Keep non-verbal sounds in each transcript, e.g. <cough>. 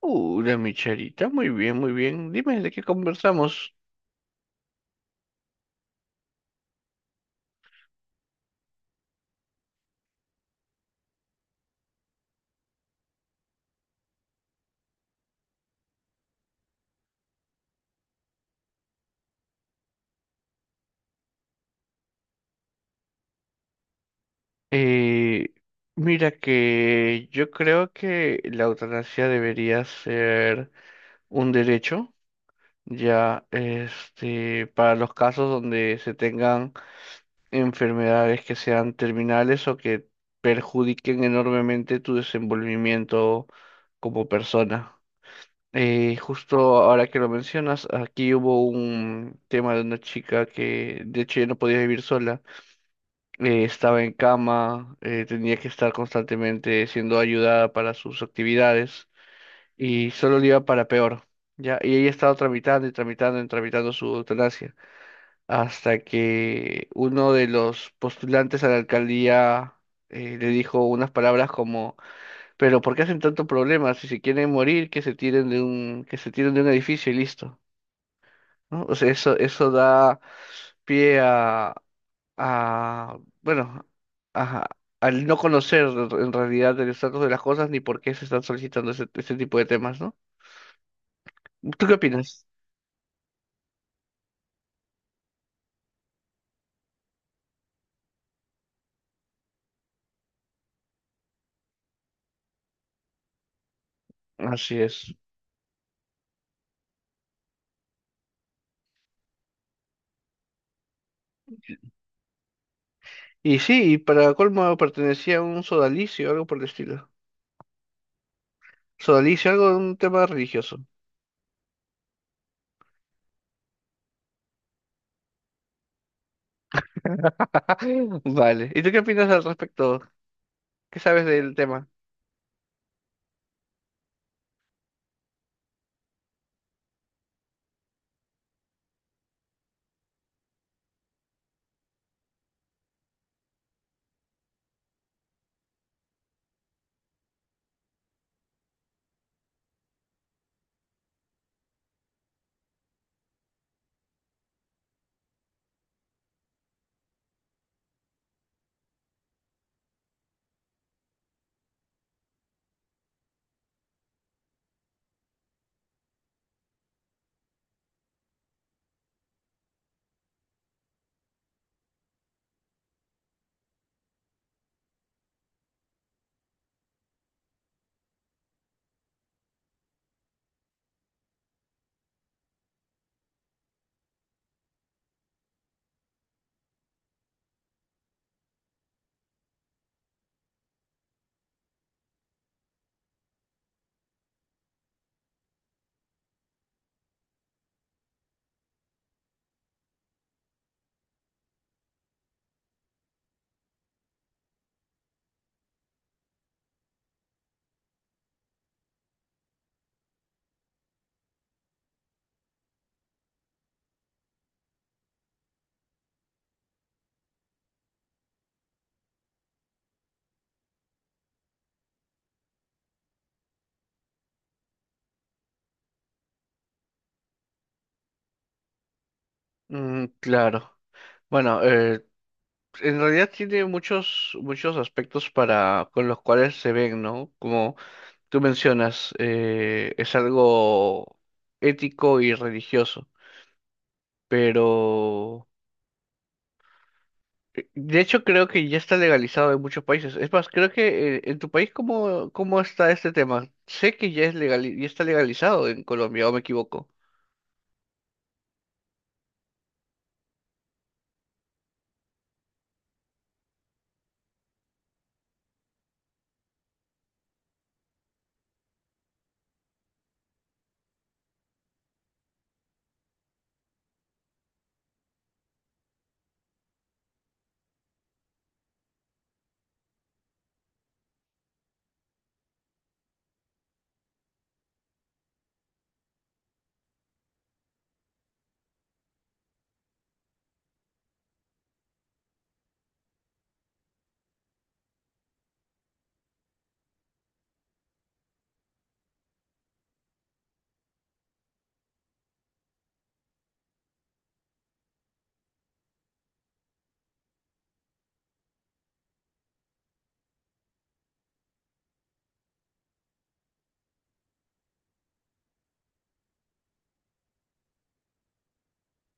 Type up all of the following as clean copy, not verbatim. Hola, mi charita, muy bien, muy bien. Dime de qué conversamos. Eh, Mira que yo creo que la eutanasia debería ser un derecho, ya para los casos donde se tengan enfermedades que sean terminales o que perjudiquen enormemente tu desenvolvimiento como persona. Justo ahora que lo mencionas, aquí hubo un tema de una chica que de hecho ya no podía vivir sola. Estaba en cama, tenía que estar constantemente siendo ayudada para sus actividades y solo le iba para peor, ¿ya? Y ella estaba tramitando su eutanasia hasta que uno de los postulantes a la alcaldía le dijo unas palabras como, pero ¿por qué hacen tanto problema? Si se quieren morir, que se tiren de un edificio y listo, ¿no? O sea, eso da pie a, bueno, a- al no conocer en realidad el estatus de las cosas ni por qué se están solicitando ese tipo de temas, ¿no? ¿Tú qué opinas? Así es. Y sí, y para colmo pertenecía a un sodalicio, algo por el estilo. Sodalicio, algo de un tema religioso. <laughs> Vale. ¿Y tú qué opinas al respecto? ¿Qué sabes del tema? Mm, claro. Bueno, en realidad tiene muchos aspectos para, con los cuales se ven, ¿no? Como tú mencionas, es algo ético y religioso, pero de hecho creo que ya está legalizado en muchos países. Es más, creo que en tu país, ¿cómo está este tema? Sé que ya es legal, ya está legalizado en Colombia, ¿o me equivoco?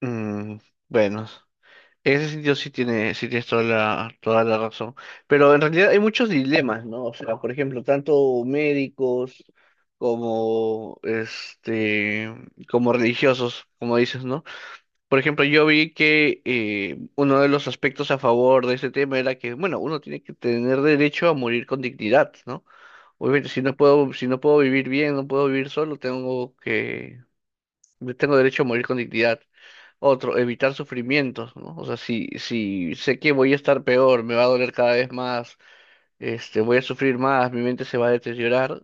Mm, bueno. En ese sentido sí tiene, sí tienes toda la razón. Pero en realidad hay muchos dilemas, ¿no? O sea, por ejemplo, tanto médicos como como religiosos, como dices, ¿no? Por ejemplo, yo vi que uno de los aspectos a favor de ese tema era que, bueno, uno tiene que tener derecho a morir con dignidad, ¿no? Obviamente, si no puedo vivir bien, no puedo vivir solo, tengo derecho a morir con dignidad. Otro, evitar sufrimientos, ¿no? O sea, si sé que voy a estar peor, me va a doler cada vez más, voy a sufrir más, mi mente se va a deteriorar,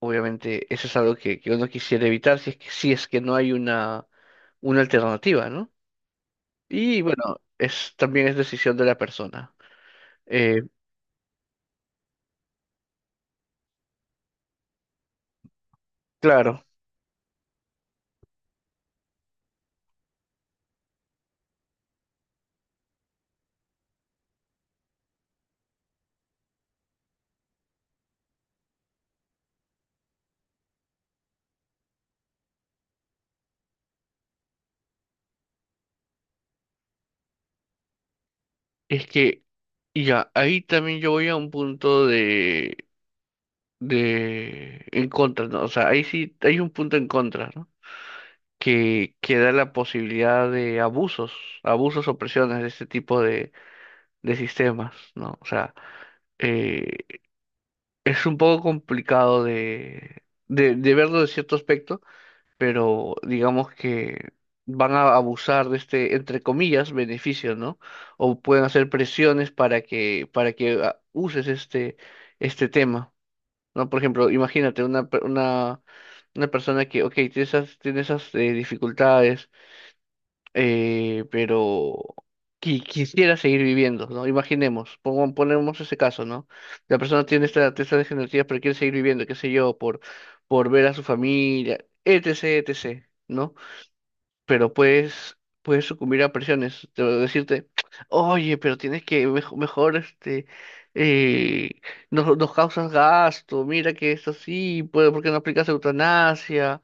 obviamente eso es algo que uno quisiera evitar si es que no hay una alternativa, ¿no? Y bueno, es, también es decisión de la persona. Eh, claro, es que y ya, ahí también yo voy a un punto de en contra, ¿no? O sea, ahí sí hay un punto en contra, ¿no? Que da la posibilidad de abusos, abusos o presiones de este tipo de sistemas, ¿no? O sea, eh, es un poco complicado de verlo de cierto aspecto, pero digamos que van a abusar de este, entre comillas, beneficio, ¿no? O pueden hacer presiones para que uses este tema, ¿no? Por ejemplo, imagínate una persona que, ok, tiene esas dificultades, pero quisiera seguir viviendo, ¿no? Imaginemos, ponemos ese caso, ¿no? La persona tiene esta degenerativa, pero quiere seguir viviendo, qué sé yo, por ver a su familia, etc., etc., ¿no? pero puedes sucumbir a presiones, te voy decirte, oye, pero tienes que mejor, eh, nos causas gasto, mira que es así, pues, ¿por qué no aplicas eutanasia?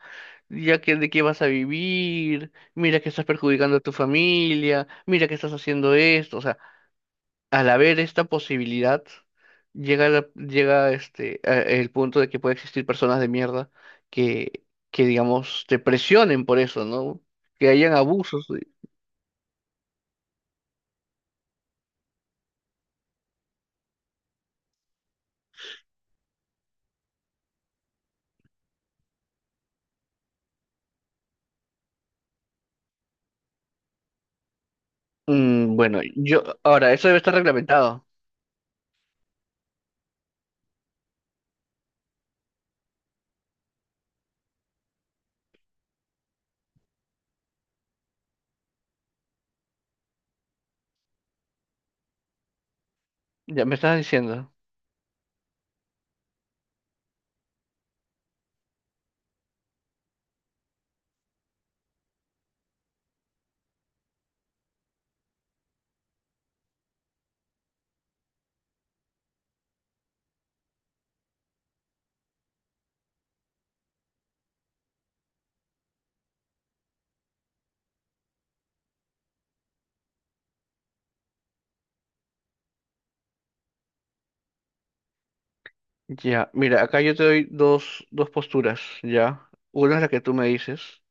Ya que de qué vas a vivir, mira que estás perjudicando a tu familia, mira que estás haciendo esto, o sea, al haber esta posibilidad, llega el punto de que puede existir personas de mierda que, que, digamos, te presionen por eso, ¿no? Que hayan abusos. Mm, bueno, yo, ahora, eso debe estar reglamentado. Ya me estás diciendo. Ya, mira, acá yo te doy dos posturas, ¿ya? Una es la que tú me dices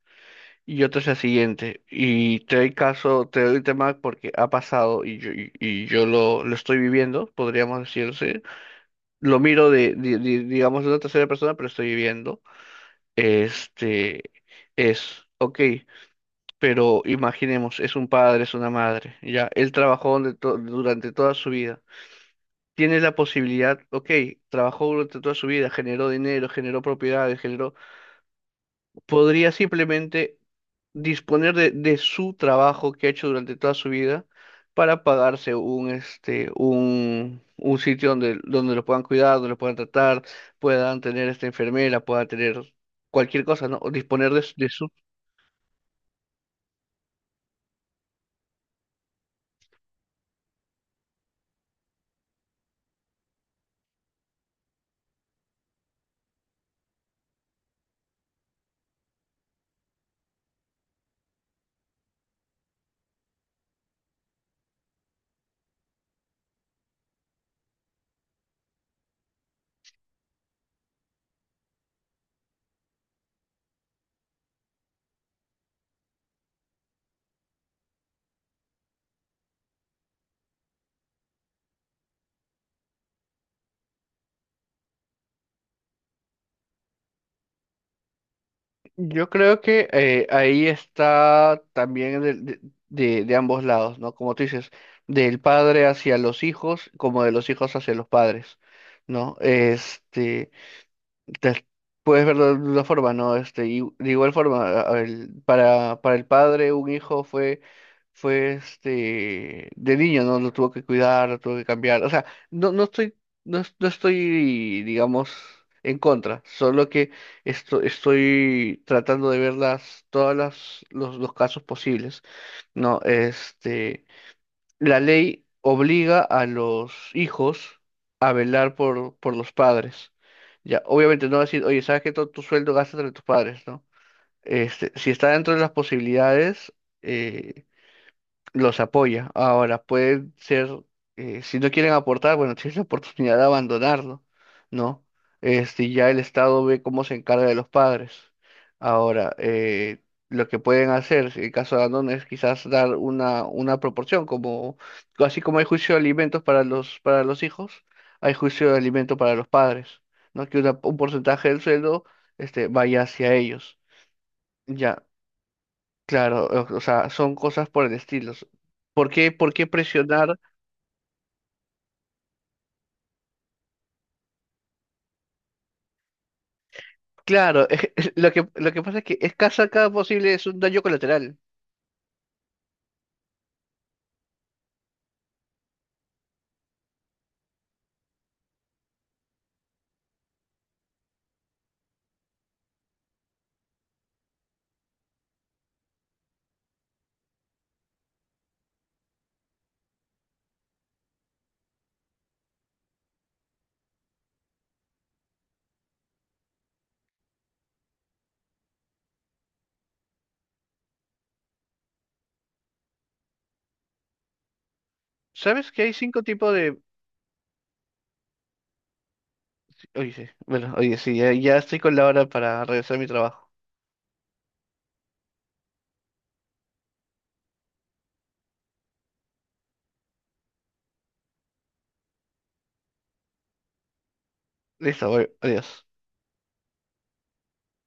y otra es la siguiente. Y te doy caso, te doy el tema porque ha pasado y yo lo estoy viviendo, podríamos decirse. Lo miro de, digamos, de una tercera persona, pero estoy viendo, este, es, ok, pero imaginemos, es un padre, es una madre, ya, él trabajó durante toda su vida, tiene la posibilidad, ok, trabajó durante toda su vida, generó dinero, generó propiedades, generó, podría simplemente disponer de su trabajo que ha hecho durante toda su vida para pagarse un sitio donde lo puedan cuidar, donde lo puedan tratar, puedan tener esta enfermera, puedan tener cualquier cosa, ¿no? O disponer de, su. Yo creo que ahí está también de ambos lados, ¿no? Como tú dices, del padre hacia los hijos, como de los hijos hacia los padres, ¿no? Te- Puedes verlo de una forma, ¿no? Y de igual forma, para el padre, un hijo fue de niño, ¿no? Lo tuvo que cuidar, lo tuvo que cambiar. O sea, no, no estoy, no estoy, digamos, en contra, solo que estoy tratando de ver las, todas las, los casos posibles, ¿no? La ley obliga a los hijos a velar por los padres. Ya, obviamente no va a decir, oye, sabes que todo tu sueldo gastas entre tus padres, ¿no? Si está dentro de las posibilidades, eh, los apoya. Ahora, puede ser, si no quieren aportar, bueno, tienes la oportunidad de abandonarlo, ¿no? Ya el Estado ve cómo se encarga de los padres. Ahora, lo que pueden hacer, si en caso de abandono, es quizás dar una proporción, como, así como hay juicio de alimentos para los hijos, hay juicio de alimentos para los padres, ¿no? Que un porcentaje del sueldo, vaya hacia ellos. Ya, claro, o sea, son cosas por el estilo. ¿Por qué presionar? Claro, <laughs> lo que pasa es que escasa cada posible es un daño colateral. ¿Sabes que hay cinco tipos de... Oye, sí, bueno, oye, sí, ya estoy con la hora para regresar a mi trabajo. Listo, voy, adiós.